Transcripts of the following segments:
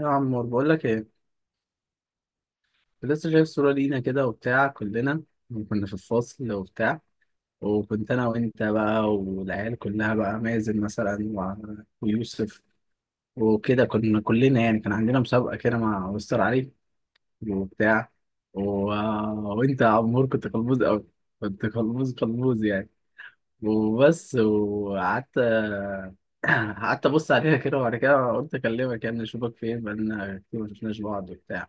يا عمور بقول لك ايه. كنت لسه شايف صورة لينا كده وبتاع، كلنا كنا في الفصل وبتاع. وكنت انا وانت بقى والعيال كلها بقى، مازن مثلا ويوسف، وكده كنا كلنا يعني كان عندنا مسابقة كده مع مستر علي وبتاع و... وانت يا عمور كنت قلبوز قوي، كنت قلبوز قلبوز يعني، وبس وقعدت. قعدت ابص عليها كده، وبعد كده قلت اكلمك يعني اشوفك فين، بقالنا كتير ما شفناش بعض وبتاع.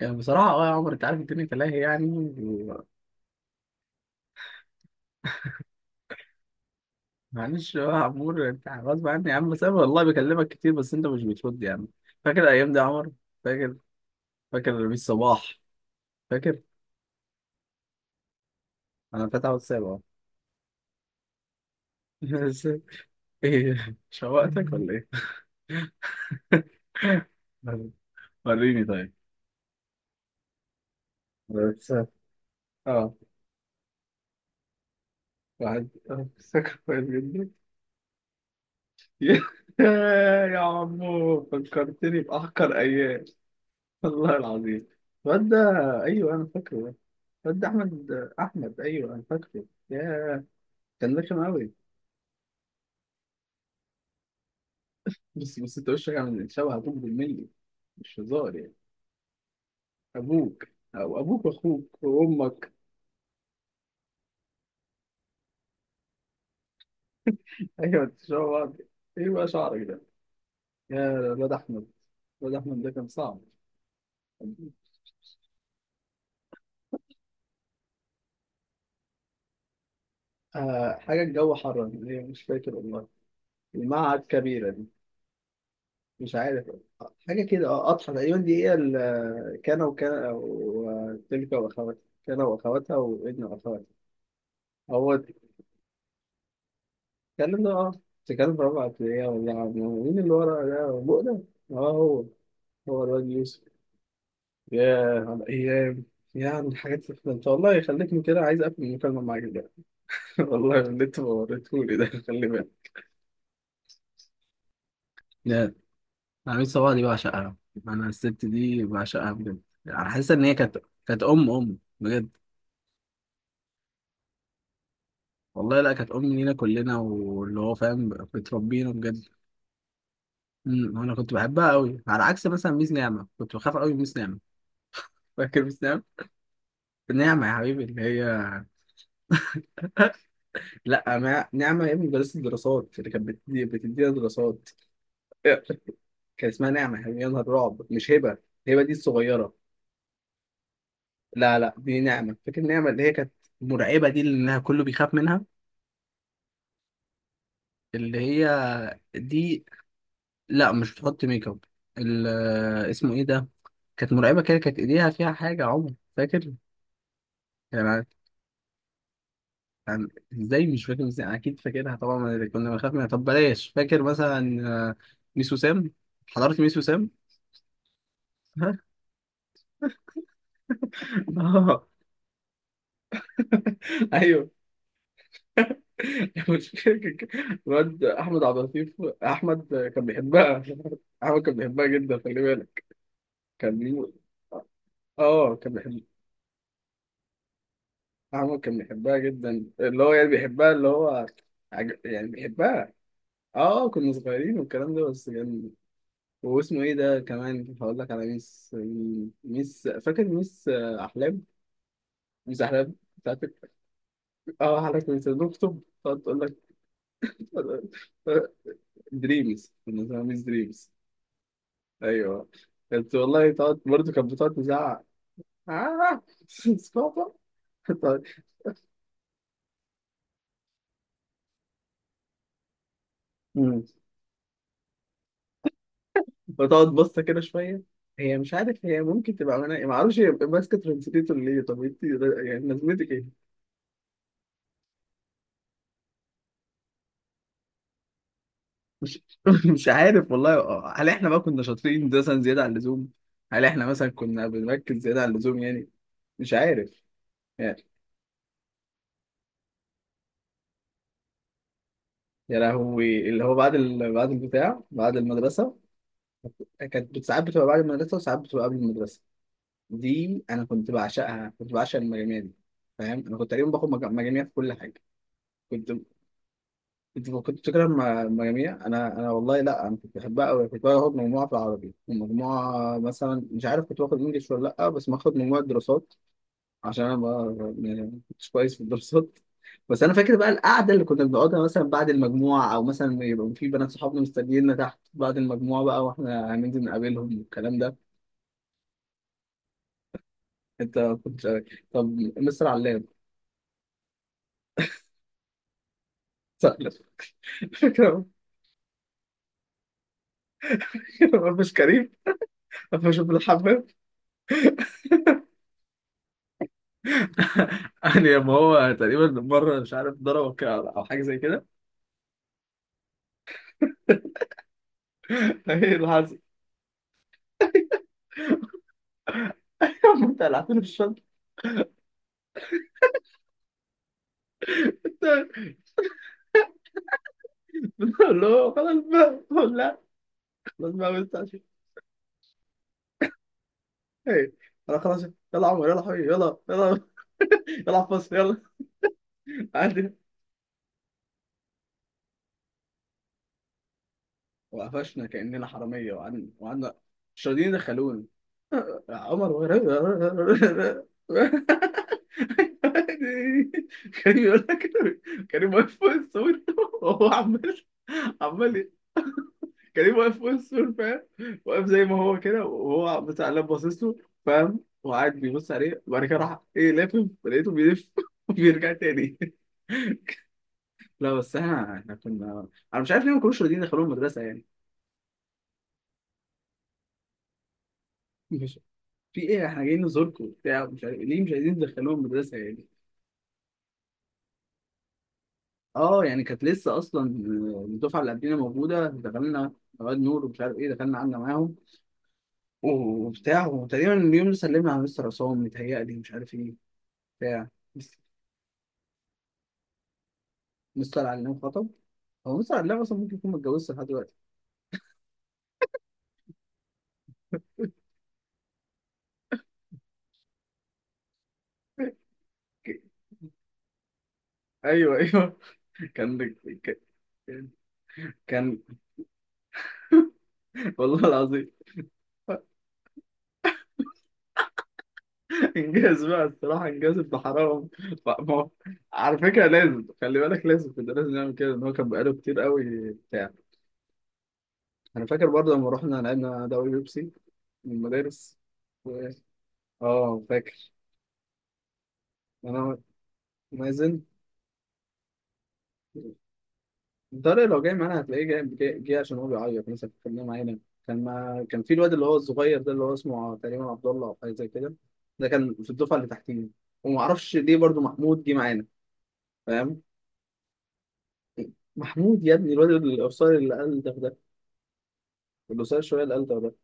يعني بصراحة يا عمر، انت عارف الدنيا تلاهي يعني و- معلش بقى يا عمور، انت غصب عني يا عم، بس انا والله بكلمك كتير بس انت مش بترد يا عم. فاكر الايام دي يا عمر؟ فاكر؟ فاكر رميس صباح؟ فاكر؟ انا فاتح واتساب اهو. بس. ايه شوقتك ولا ايه؟ وريني طيب الواتساب. اه، واحد اه، فاكر كويس جدا. يا عمو فكرتني بأحقر أيام، والله العظيم. الواد ده، أيوه أنا فاكره، ده احمد. احمد، ايوه انا فاكره، ياه. كان رخم قوي. بس، انت وشك عامل شبه ابوك بالملي، مش هزار يعني. ابوك، او ابوك واخوك وامك. ايوه، انت شبه بعض. ايه بقى شعرك ده يا الواد احمد؟ الواد احمد ده كان صعب. آه، حاجه الجو حر، ايه مش فاكر والله. المعهد كبيره دي، مش عارف. حاجه كده، اه، قطحه تقريبا، دي هي كان وكان وتلك واخواتها. كان واخواتها وابن واخواتها، هو. الكلام ده اه، تتكلم في رابعة ابتدائي ولا مين اللي ورا ده بؤلة؟ اه، هو الواد يوسف. ياه على الأيام، يعني الحاجات اللي أنت، والله خليتني كده عايز أقفل المكالمة معاك دلوقتي. والله اللي أنت وريتهولي ده، خلي بالك. لا، عميد صباح دي بعشقها. انا الست دي بعشقها بجد، يعني حاسس ان هي كانت ام ام بجد. والله لا، كانت ام لينا كلنا، واللي هو فاهم بتربينا بجد. انا كنت بحبها قوي، على عكس مثلا ميس نعمه، كنت بخاف قوي من ميس نعمه. فاكر ميس نعمة؟ نعمة يا حبيبي اللي هي، لا ما... نعمة يا ابني مدرسة الدراسات اللي كانت بتدينا دراسات. كان اسمها نعمة يا حبيبي، يا نهار رعب، مش هبة. هبة دي الصغيرة. لا لا، دي نعمة، فاكر نعمة اللي هي كانت مرعبة، دي اللي إنها كله بيخاف منها. اللي هي، دي، لا مش بتحط ميك اب. ال... آه، اسمه ايه ده؟ كانت مرعبة كده، كانت ايديها فيها حاجة يا عمر فاكر؟ يعني يعني ازاي مش فاكر؟ ازاي أنا اكيد فاكرها طبعا. أنا كنا بنخاف منها، طب بلاش، فاكر مثلا ميس وسام؟ حضرت ميس وسام. اه، ايوه، المشكله كان كده. الواد احمد عبد اللطيف، احمد كان بيحبها، احمد كان بيحبها جدا، خلي بالك. كان كان بيحب، احمد كان بيحبها جدا، اللي هو يعني بيحبها، اللي هو يعني بيحبها. اه كنا صغيرين والكلام ده بس كان. واسمه ايه ده، كمان هقول لك على ميس، فاكر ميس احلام؟ ميس احلام بتاعتك. اه، حضرتك كنت بتكتب تقعد تقول لك. دريمز، كنا اسمها ميس دريمز، ايوه. كانت والله تقعد، برضه كانت بتقعد تزعق. آه. بابا، تقعد- مم. بتقعد بصة كده شوية. هي مش عارف، هي ممكن تبقى مناقي، ما اعرفش هي ماسكة ترانسليتور ليه، طب انت يعني لازمتك ايه؟ مش مش عارف والله. هل احنا بقى كنا شاطرين مثلا زيادة عن اللزوم؟ هل احنا مثلا كنا بنركز زيادة عن اللزوم يعني؟ مش عارف يعني. يا لهوي، اللي هو بعد بعد البتاع، بعد المدرسة. كانت ساعات بتبقى بعد المدرسة وساعات بتبقى قبل المدرسة. دي انا كنت بعشقها، كنت بعشق المجاميع دي، فاهم؟ انا كنت تقريبا باخد مجاميع في كل حاجه. كنت كنت بتكره المجاميع. انا والله لا، انا كنت بحبها قوي، كنت باخد مجموعه في العربي، ومجموعه مثلا مش عارف كنت باخد انجلش ولا لا، بس باخد مجموعه دراسات، عشان انا ما، يعني ما كنتش كويس في الدراسات. بس انا فاكر بقى القعده اللي كنا بنقعدها مثلا بعد المجموعه، او مثلا يبقى في بنات صحابنا مستنييننا تحت بعد المجموعه بقى، واحنا هننزل نقابلهم والكلام ده. انت كنت، طب، مستر علام، صح؟ ما فيش كريم. ما فيش ابن الحمام، يعني ما هو تقريبا مره مش عارف ضربه كده او حاجه زي كده، ايه اللي حصل؟ انت قلعتني في الشنطه. بقول له خلاص بقى، بقول لا خلاص بقى ما ينفعش، ايه. انا خلاص يلا. يا عمر يلا يا حبيبي، يلا يلا، يلا فصل يلا. عادي. وقفشنا كاننا حراميه، وقعدنا وقعدنا، مش راضيين يدخلوني، عمر. كريم يقول لك، كريم واقف فوق السور وهو عمال عمال كريم واقف فوق السور، فاهم؟ واقف زي ما هو كده، وهو بتاع اللاب باصص له، فاهم؟ وقاعد بيبص عليه، وبعد كده راح ايه لافف، لقيته بيلف وبيرجع تاني. لا بس احنا كنا، انا مش عارف ليه ما كانوش راضيين يدخلوهم المدرسه يعني. مش، في ايه، احنا جايين نزوركم وبتاع، مش عارف ليه مش عايزين تدخلوهم المدرسه يعني. اه يعني كانت لسه اصلا الدفعه اللي قبلنا موجوده، دخلنا. رواد نور ومش عارف ايه، دخلنا قعدنا معاهم وبتاع. وتقريبا اليوم اللي سلمنا على مستر عصام، متهيألي مش عارف ايه، بتاع. مس- مستر علام خطب. هو مستر علام اصلا ممكن يكون متجوزش لحد دلوقتي. ايوه ايوه. كان كان كان والله العظيم. انجاز بقى الصراحه، انجاز ابن حرام. ما هو- على فكره لازم خلي بالك، لازم كده، لازم نعمل كده، ان هو كان بقاله كتير قوي بتاع. انا فاكر برضه لما رحنا لعبنا دوري بيبسي من المدارس و... اه فاكر. انا، مازن، الدرجة لو جاي معانا هتلاقيه جاي, جاي, جاي، عشان هو بيعيط، مثلا كنا معانا. كان ما... كان في الواد اللي هو الصغير ده اللي هو اسمه تقريبا عبد الله او حاجه زي كده. ده كان في الدفعه اللي تحتينا. وما اعرفش ليه برضه محمود جه معانا، فاهم؟ محمود يا ابني الواد القصير اللي قال ده ده، اللي قصير شويه اللي قال ده ده.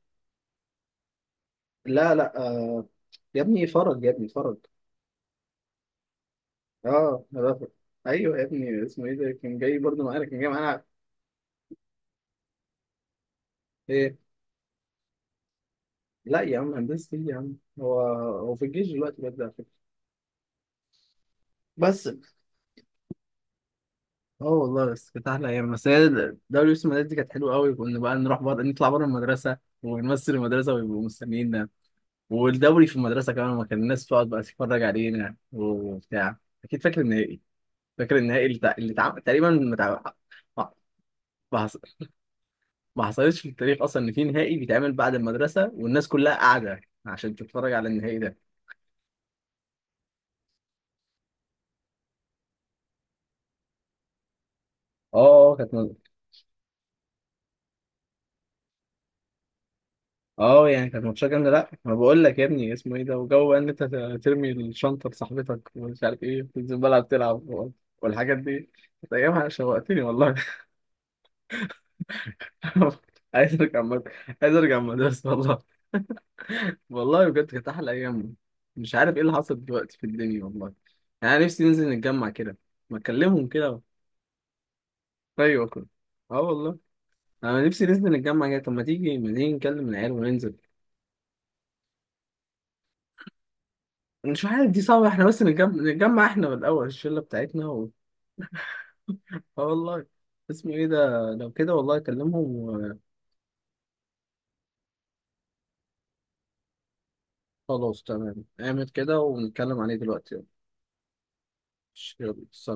لا لا، يا ابني فرج، يا ابني فرج. اه أنا بفرج. ايوه يا ابني اسمه ايه ده، كان جاي برضه معانا، كان جاي معانا، ايه. لا يا عم، هندسة ايه يا عم؟ هو في الجيش دلوقتي بجد على فكرة. بس اه والله بس كانت احلى ايام. بس هي دوري يوسف المدارس دي كانت حلوه قوي، كنا بقى نروح بره، نطلع بره المدرسه ونمثل المدرسه، ويبقوا مستنيينا. والدوري في المدرسه كمان، ما كان الناس تقعد بقى تتفرج علينا وبتاع. اكيد فاكر النهائي. فاكر النهائي اللي, اللي تقريبا ما ما ما حص- ما حصلتش في التاريخ اصلا ان في نهائي بيتعمل بعد المدرسه والناس كلها قاعده عشان تتفرج على النهائي ده. اه، كانت اه يعني كانت ماتشات جامده. لا ما بقول لك يا ابني اسمه ايه ده، وجو بقى ان انت ترمي الشنطه لصاحبتك ومش عارف ايه تنزل الملعب تلعب والحاجات دي. كانت ايامها شوقتني والله. عايز ارجع مد... عايز ارجع المدرسه والله. والله بجد كانت احلى ايام. مش عارف ايه اللي حصل دلوقتي في الدنيا والله. يعني أنا نفسي ننزل نتجمع كده، ما اكلمهم كده. ايوه كده. اه والله، انا نفسي ننزل نتجمع كده، طب ما تيجي ما تيجي نكلم العيال وننزل. مش عارف دي صعبة، احنا بس نتجمع, احنا بالأول الشلة بتاعتنا اه والله. اسمه ايه ده، لو كده والله اكلمهم. وخلاص تمام، اعمل كده ونتكلم عليه دلوقتي يلا. يلا، سلام.